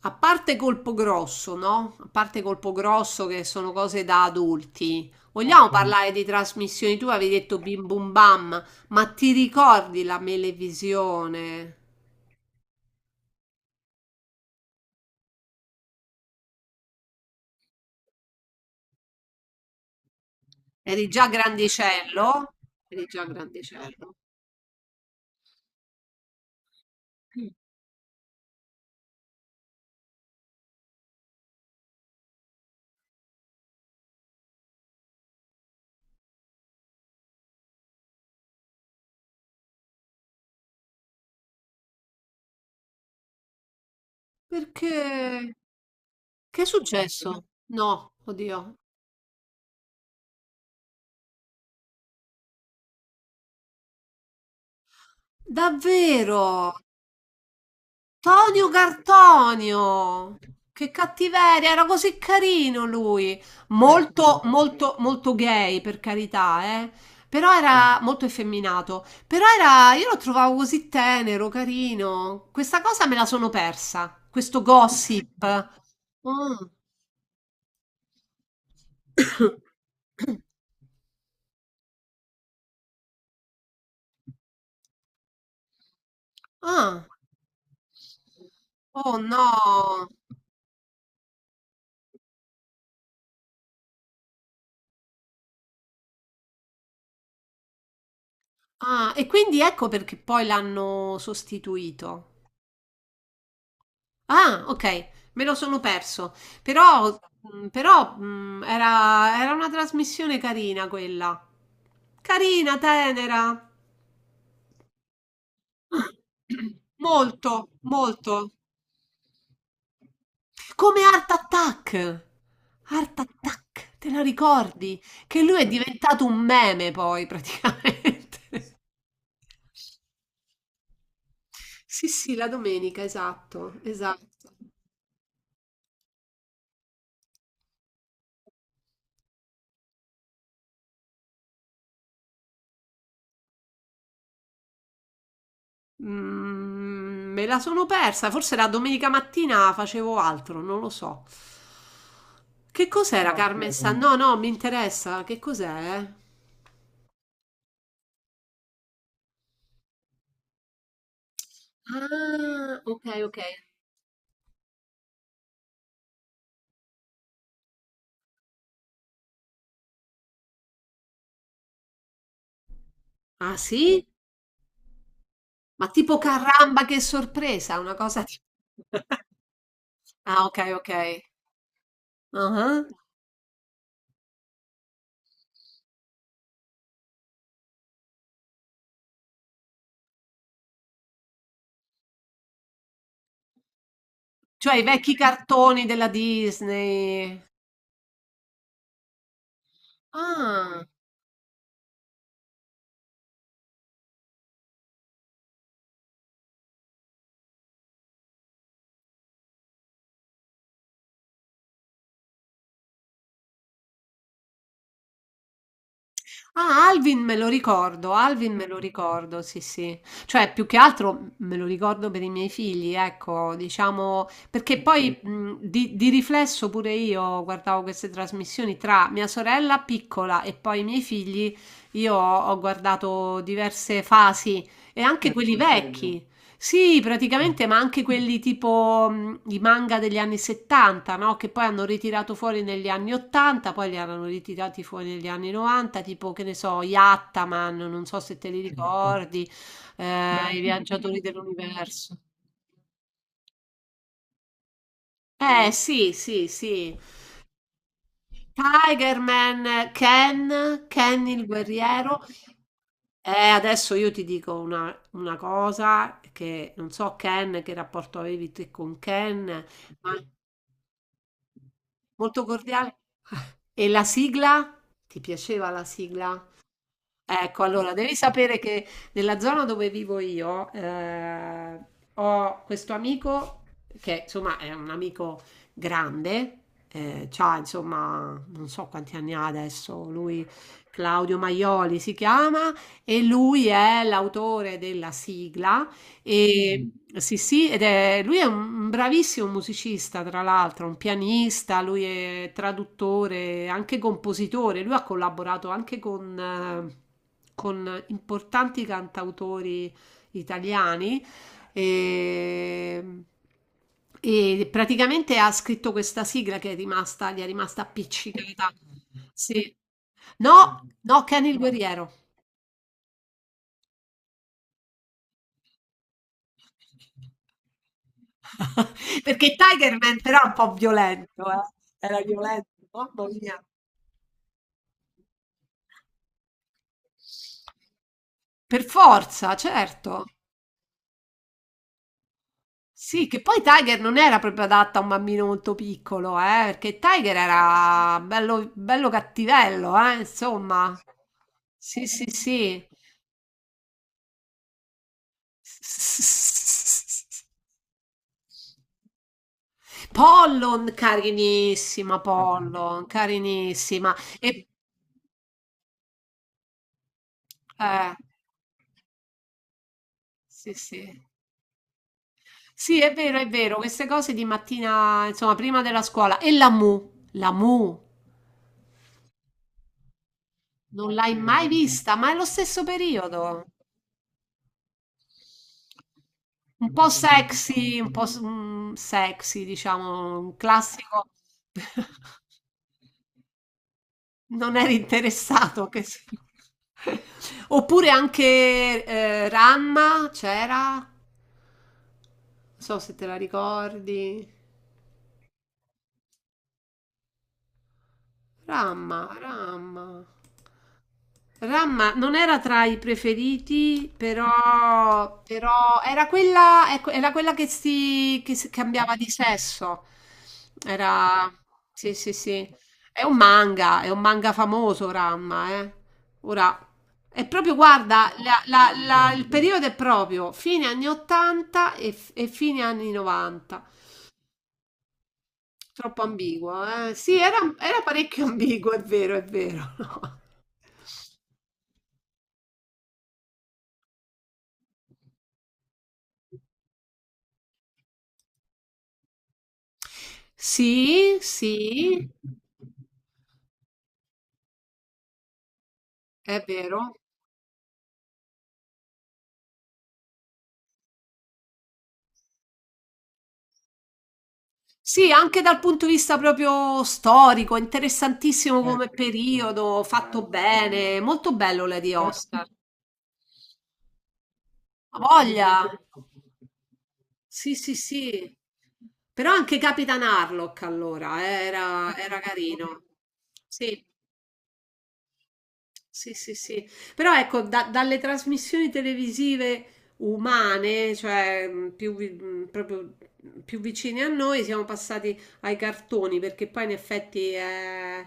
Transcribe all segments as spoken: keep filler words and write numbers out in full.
A parte Colpo Grosso, no? A parte Colpo Grosso che sono cose da adulti. Vogliamo Mm. parlare di trasmissioni? Tu avevi detto Bim Bum Bam, ma ti ricordi la Melevisione? Eri già grandicello? Eri già grandicello. Perché? Che è successo? No, oddio. Davvero? Tonio Cartonio! Che cattiveria, era così carino lui. Molto, molto, molto gay, per carità, eh. Però era molto effeminato. Però era, io lo trovavo così tenero, carino. Questa cosa me la sono persa, questo gossip. Mm. Ah. Oh no! Ah, e quindi ecco perché poi l'hanno sostituito. Ah, ok, me lo sono perso. Però, mm, però, mm, era, era una trasmissione carina quella. Carina, tenera. Molto, molto. Come Art Attack. Art Attack, te la ricordi? Che lui è diventato un meme poi, praticamente. Sì, sì, la domenica, esatto, esatto. Mm, me la sono persa, forse la domenica mattina facevo altro, non lo so. Che cos'era? Ah, Carmen San? No, no, mi interessa. Che cos'è? Ah, ok, ok. Ah, sì? Ma tipo caramba, che sorpresa, una cosa tipo... Ah, ok, ok. Ah, cioè i vecchi cartoni della Disney. Ah, Ah, Alvin me lo ricordo, Alvin me lo ricordo, sì, sì. Cioè, più che altro me lo ricordo per i miei figli, ecco, diciamo, perché poi mh, di, di riflesso pure io guardavo queste trasmissioni tra mia sorella piccola e poi i miei figli, io ho, ho guardato diverse fasi e anche quelli vecchi, sì, praticamente, ma anche quelli tipo mh, i manga degli anni settanta, no? Che poi hanno ritirato fuori negli anni ottanta, poi li hanno ritirati fuori negli anni novanta, tipo, che ne so, Yattaman, non so se te li ricordi, eh, I Viaggiatori dell'Universo. Eh sì, sì, sì. Tiger Man, Ken, Ken il guerriero. Eh, adesso io ti dico una, una cosa che non so Ken, che rapporto avevi te con Ken, ma... Molto cordiale. E la sigla? Ti piaceva la sigla? Ecco, allora devi sapere che nella zona dove vivo io eh, ho questo amico che insomma è un amico grande, eh, c'ha insomma non so quanti anni ha adesso, lui Claudio Maioli si chiama e lui è l'autore della sigla e sì, sì, ed è, lui è un bravissimo musicista, tra l'altro, un pianista, lui è traduttore, anche compositore. Lui ha collaborato anche con, eh, con importanti cantautori italiani e, e praticamente ha scritto questa sigla che è rimasta, gli è rimasta appiccicata. Sì. No, no, Kenny il guerriero. Perché Tiger Man però è un po' violento, eh. Era violento, mamma mia. Per forza, certo. Sì, che poi Tiger non era proprio adatta a un bambino molto piccolo, eh, perché Tiger era bello, bello cattivello, eh, insomma. Sì, sì, sì. Pollon, carinissima, Pollon, carinissima. E, eh, sì, sì. Sì, è vero, è vero, queste cose di mattina, insomma, prima della scuola. E la Mu, la Mu, non l'hai mai vista, ma è lo stesso periodo. Un po' sexy, un po' s- mm, Sexy, diciamo, un classico. Non eri interessato, che se- Oppure anche eh, Ramma, c'era? Non so se te la ricordi. Ramma, Ramma. Ramma non era tra i preferiti, però, però era quella, ecco, era quella che si, che si cambiava di sesso. Era, sì, sì, sì. È un manga, è un manga famoso, Ramma, eh. Ora, è proprio, guarda, la- la- la- il periodo è proprio fine anni ottanta e, e fine anni novanta. Troppo ambiguo, eh? Sì, era, era parecchio ambiguo, è vero, è vero. Sì, sì, è vero. Sì, anche dal punto di vista proprio storico, interessantissimo. Eh, come periodo, fatto bene, molto bello Lady eh, Oscar. Ha voglia. Sì, sì, sì. Però anche Capitan Harlock allora eh, era, era carino. Sì. Sì, sì, sì. Però ecco, da- dalle trasmissioni televisive umane, cioè mh, più, vi- mh, proprio mh, più vicine a noi, siamo passati ai cartoni, perché poi in effetti eh,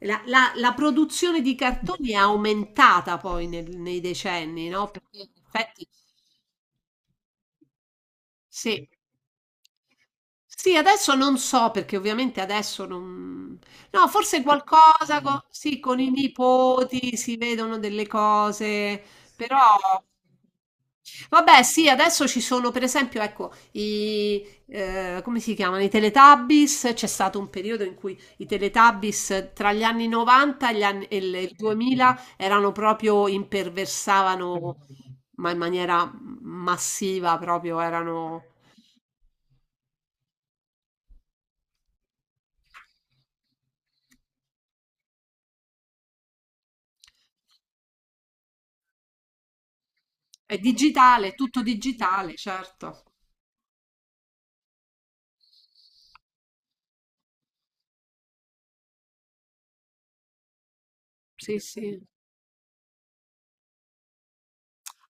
la, la- la produzione di cartoni è aumentata poi nel- nei decenni, no? Perché in effetti sì. Sì, adesso non so perché ovviamente adesso non... No, forse qualcosa, co- sì, con i nipoti si vedono delle cose, però... Vabbè, sì, adesso ci sono per esempio, ecco, i... eh, come si chiamano? I Teletubbies, c'è stato un periodo in cui i Teletubbies tra gli anni novanta e, gli anni- e il e il duemila erano proprio, imperversavano, ma in maniera massiva, proprio erano... È digitale, è tutto digitale, certo. Sì, sì.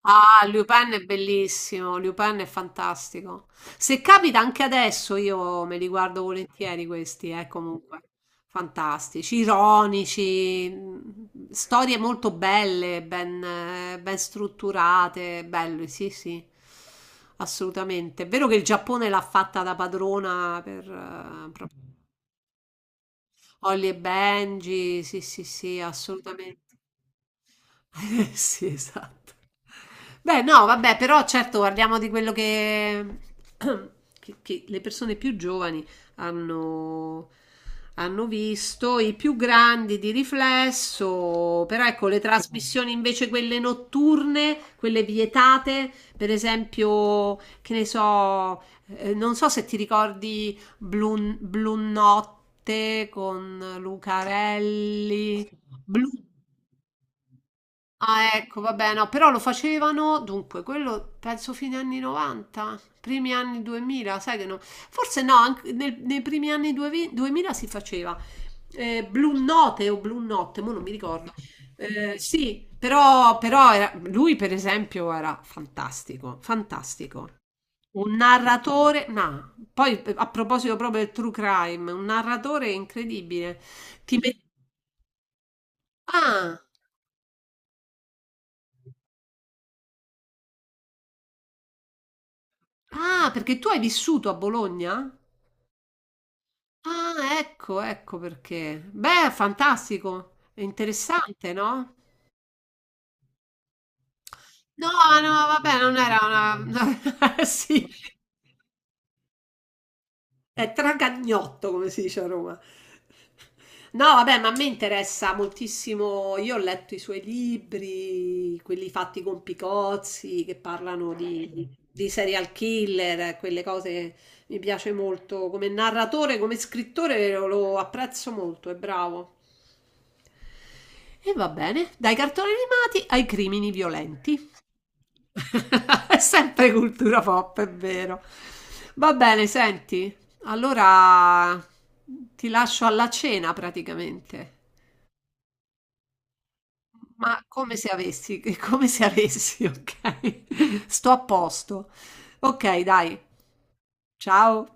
Ah, Lupin è bellissimo, Lupin è fantastico. Se capita anche adesso io me li guardo volentieri questi, eh, comunque. Fantastici, ironici, mh, storie molto belle, ben, eh, ben strutturate, bello, sì, sì, assolutamente. È vero che il Giappone l'ha fatta da padrona per, eh, Holly e Benji, sì, sì, sì, assolutamente. Eh, sì, esatto. Beh, no, vabbè, però certo guardiamo di quello che, che- che le persone più giovani hanno, hanno visto, i più grandi di riflesso, però ecco, le trasmissioni invece quelle notturne, quelle vietate, per esempio, che ne so, eh, non so se ti ricordi Blu, Blu Notte con Lucarelli. Ah, ecco, vabbè, no, però lo facevano, dunque, quello penso fine anni novanta, primi anni duemila, sai che no, forse no, anche nel- nei primi anni duemila si faceva. Eh, Blu Note o Blu Notte, mo non mi ricordo. Eh, sì, però, però era- lui per esempio era fantastico, fantastico. Un narratore, no, poi eh, a proposito proprio del true crime, un narratore incredibile. Ti met- Ah, ah, perché tu hai vissuto a Bologna? Ah, ecco, ecco perché. Beh, fantastico, è interessante, no? No, no, vabbè, non era una... Sì, è tragagnotto, come si dice a Roma. No, vabbè, ma a me interessa moltissimo. Io ho letto i suoi libri, quelli fatti con Picozzi, che parlano di, di serial killer, eh, quelle cose mi piace molto. Come narratore, come scrittore lo, lo apprezzo molto, è bravo. E va bene, dai cartoni animati ai crimini violenti. È sempre cultura pop, è vero. Va bene, senti, allora ti lascio alla cena praticamente. Ma come se avessi, come se avessi, ok? Sto a posto. Ok, dai, ciao.